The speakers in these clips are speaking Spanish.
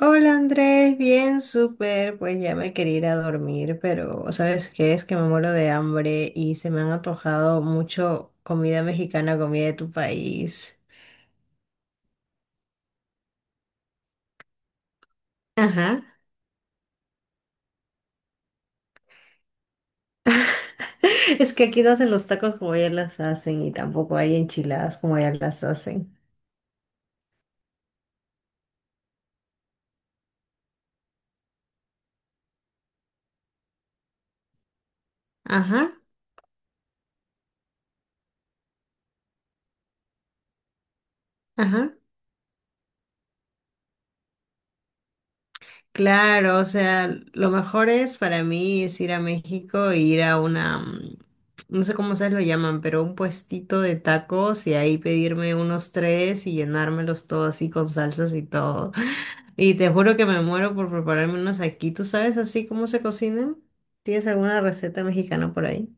Hola Andrés, bien, súper. Pues ya me quería ir a dormir, pero ¿sabes qué? Es que me muero de hambre y se me han antojado mucho comida mexicana, comida de tu país. Ajá. Es que aquí no hacen los tacos como allá las hacen y tampoco hay enchiladas como allá las hacen. Ajá, ajá. Claro, o sea, lo mejor es para mí es ir a México e ir a una, no sé cómo se lo llaman, pero un puestito de tacos y ahí pedirme unos tres y llenármelos todo así con salsas y todo. Y te juro que me muero por prepararme unos aquí. ¿Tú sabes así cómo se cocinan? ¿Tienes alguna receta mexicana por ahí?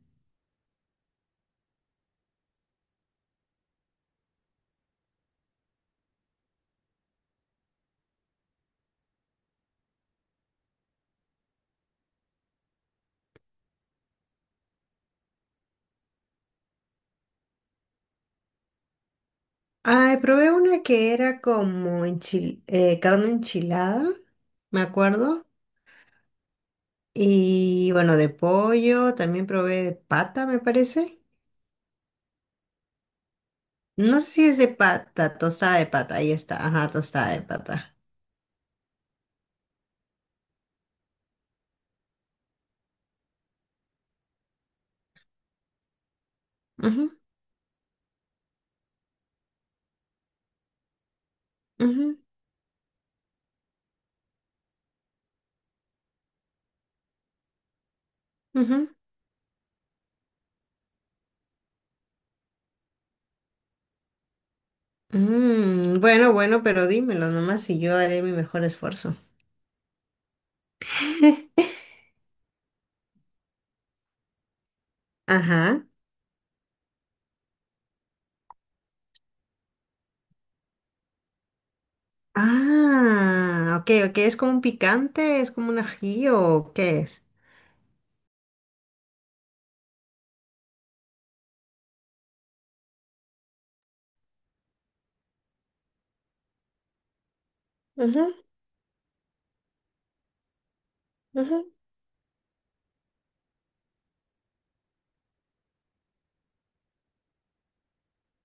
Ay, probé una que era como carne enchilada, me acuerdo. Y bueno, de pollo, también probé de pata, me parece. No sé si es de pata, tostada de pata, ahí está, ajá, tostada de pata. Ujú, ujú, ujú. Bueno, bueno, pero dímelo nomás y yo haré mi mejor esfuerzo. Ajá. Ah, ok, ok, es como un picante, es como un ají o qué es. Ujú, ujú.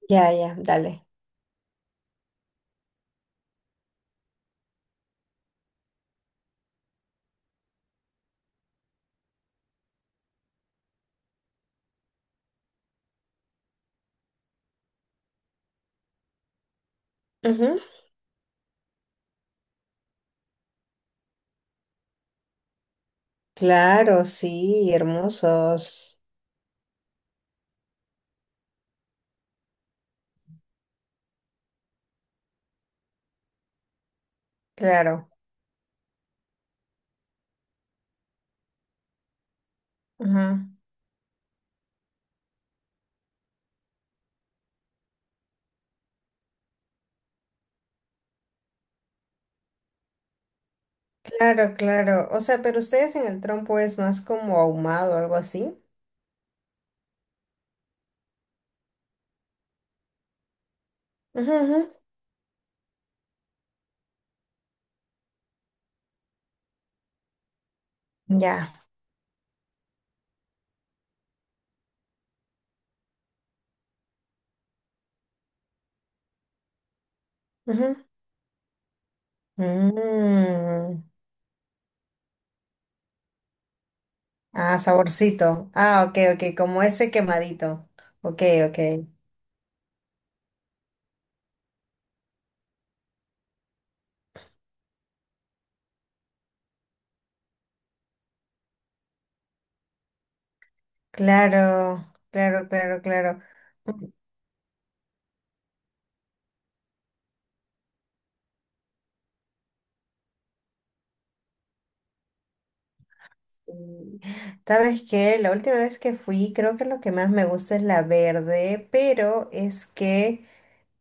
Ya, ya, dale. Ujú. Claro, sí, hermosos. Claro. Ujú. Claro, claro. O sea, pero ustedes en el trompo es más como ahumado o algo así. Ujú, ujú. Ya. Ujú. Mm. Ah, saborcito. Ah, ok, ok, como ese quemadito. Ok, ok. Claro, claro, claro, claro. Sí. ¿Sabes qué? La última vez que fui, creo que lo que más me gusta es la verde, pero es que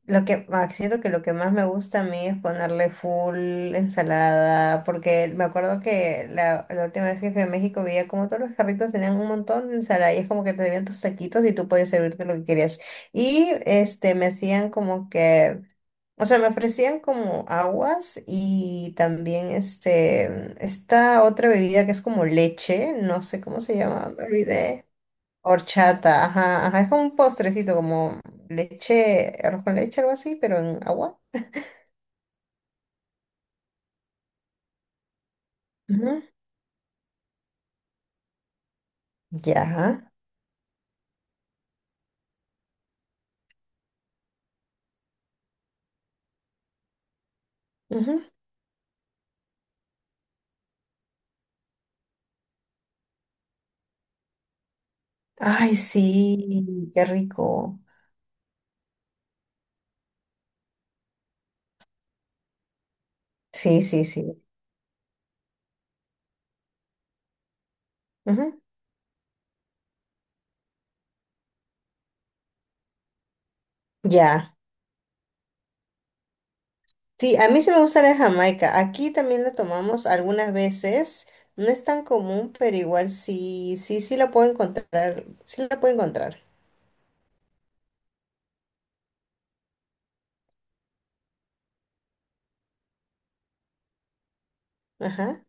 lo que siento que lo que más me gusta a mí es ponerle full ensalada, porque me acuerdo que la última vez que fui a México veía como todos los carritos tenían un montón de ensalada y es como que te servían tus taquitos y tú podías servirte lo que querías. Y este me hacían como que, o sea, me ofrecían como aguas y también este esta otra bebida que es como leche, no sé cómo se llama, me olvidé. Horchata, ajá, ajá. Es como un postrecito, como leche, arroz con leche, algo así, pero en agua. Ujú. Ya. Ujú. Ay, sí, qué rico. Sí, sí, sí. Ujú, ya. Sí, a mí sí me gusta la de Jamaica. Aquí también la tomamos algunas veces. No es tan común, pero igual sí, sí, sí la puedo encontrar. Sí la puedo encontrar. Ajá.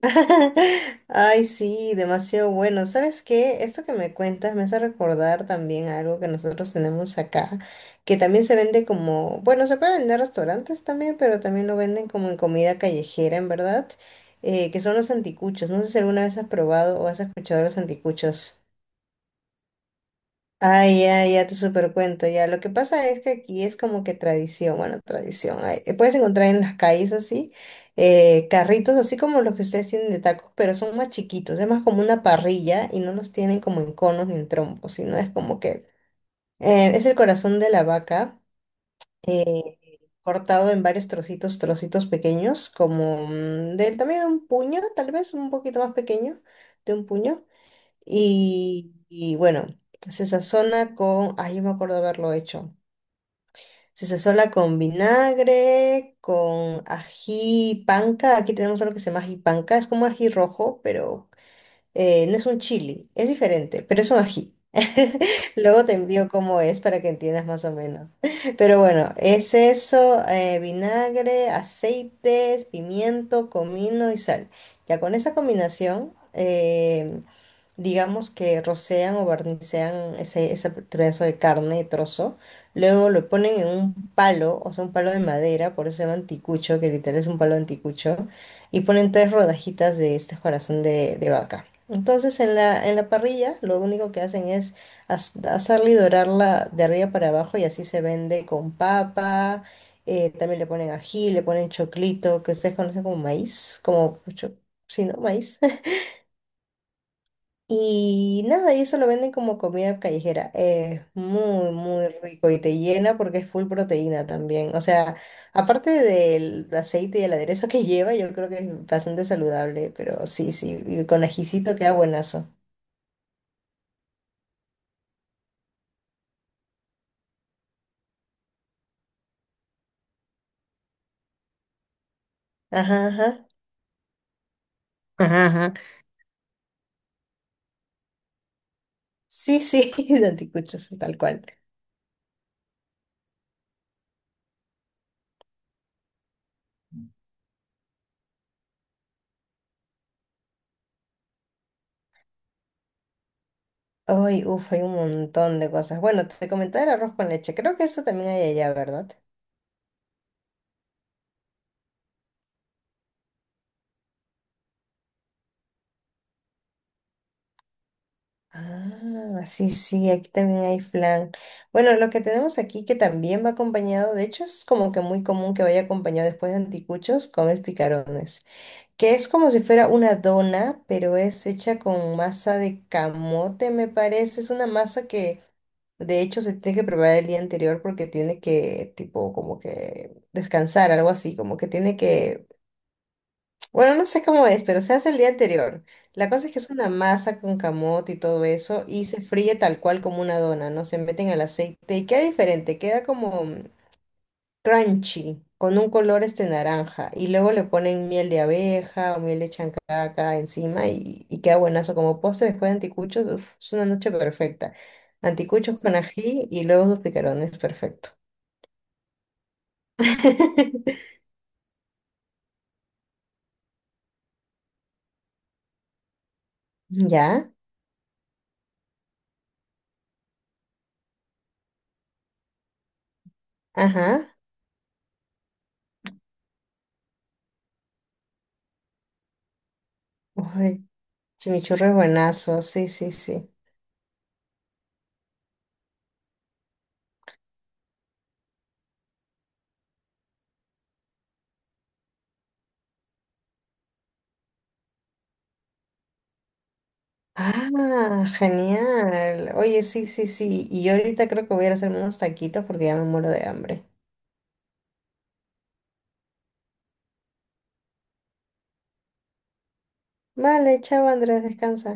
Ay, sí, demasiado bueno. ¿Sabes qué? Esto que me cuentas me hace recordar también algo que nosotros tenemos acá, que también se vende como, bueno, se puede vender en restaurantes también, pero también lo venden como en comida callejera, en verdad, que son los anticuchos. No sé si alguna vez has probado o has escuchado de los anticuchos. Ah, ya, ya te supercuento, ya. Lo que pasa es que aquí es como que tradición, bueno, tradición. Ay, puedes encontrar en las calles así, carritos así como los que ustedes tienen de tacos, pero son más chiquitos, es más como una parrilla y no los tienen como en conos ni en trompos, sino es como que es el corazón de la vaca, eh, cortado en varios trocitos, trocitos pequeños, como del tamaño de un puño, tal vez un poquito más pequeño de un puño y bueno, se sazona con, ay, yo me acuerdo haberlo hecho. Se sazona con vinagre, con ají panca. Aquí tenemos algo que se llama ají panca. Es como ají rojo, pero no es un chili. Es diferente, pero es un ají. Luego te envío cómo es para que entiendas más o menos. Pero bueno, es eso, vinagre, aceites, pimiento, comino y sal. Ya con esa combinación, digamos que rocean o barnicean ese pedazo de carne, trozo, luego lo ponen en un palo, o sea, un palo de madera, por eso se llama anticucho, que literal es un palo de anticucho, y ponen tres rodajitas de este corazón de vaca. Entonces en la parrilla lo único que hacen es hacerla y dorarla de arriba para abajo y así se vende con papa, también le ponen ají, le ponen choclito, que ustedes conocen como maíz, como, sí, ¿no? Maíz. Y nada, y eso lo venden como comida callejera. Es muy, muy rico y te llena porque es full proteína también. O sea, aparte del aceite y el aderezo que lleva, yo creo que es bastante saludable, pero sí, sí, y con ajicito queda buenazo. Ajá, ajá. Ajá, ajá. Sí, sí, de anticuchos, tal cual. Ay, uff, hay un montón de cosas. Bueno, te comentaba el arroz con leche. Creo que eso también hay allá, ¿verdad? Ah, sí, sí, aquí también hay flan. Bueno, lo que tenemos aquí que también va acompañado, de hecho es como que muy común que vaya acompañado después de anticuchos, comes picarones, que es como si fuera una dona, pero es hecha con masa de camote, me parece. Es una masa que de hecho se tiene que preparar el día anterior porque tiene que, tipo, como que descansar, algo así, como que tiene que, bueno, no sé cómo es, pero se hace el día anterior. La cosa es que es una masa con camote y todo eso y se fríe tal cual como una dona, ¿no? Se meten al aceite y queda diferente, queda como crunchy, con un color este naranja. Y luego le ponen miel de abeja o miel de chancaca encima y queda buenazo como postre después de anticuchos. Uf, es una noche perfecta. Anticuchos con ají y luego sus picarones, perfecto. ¿Ya? Ajá. Uy, chimichurri es buenazo, sí, sí, sí. Ah, genial. Oye, sí, sí, sí. Y yo ahorita creo que voy a ir a hacerme unos taquitos porque ya me muero de hambre. Vale, chao Andrés, descansa.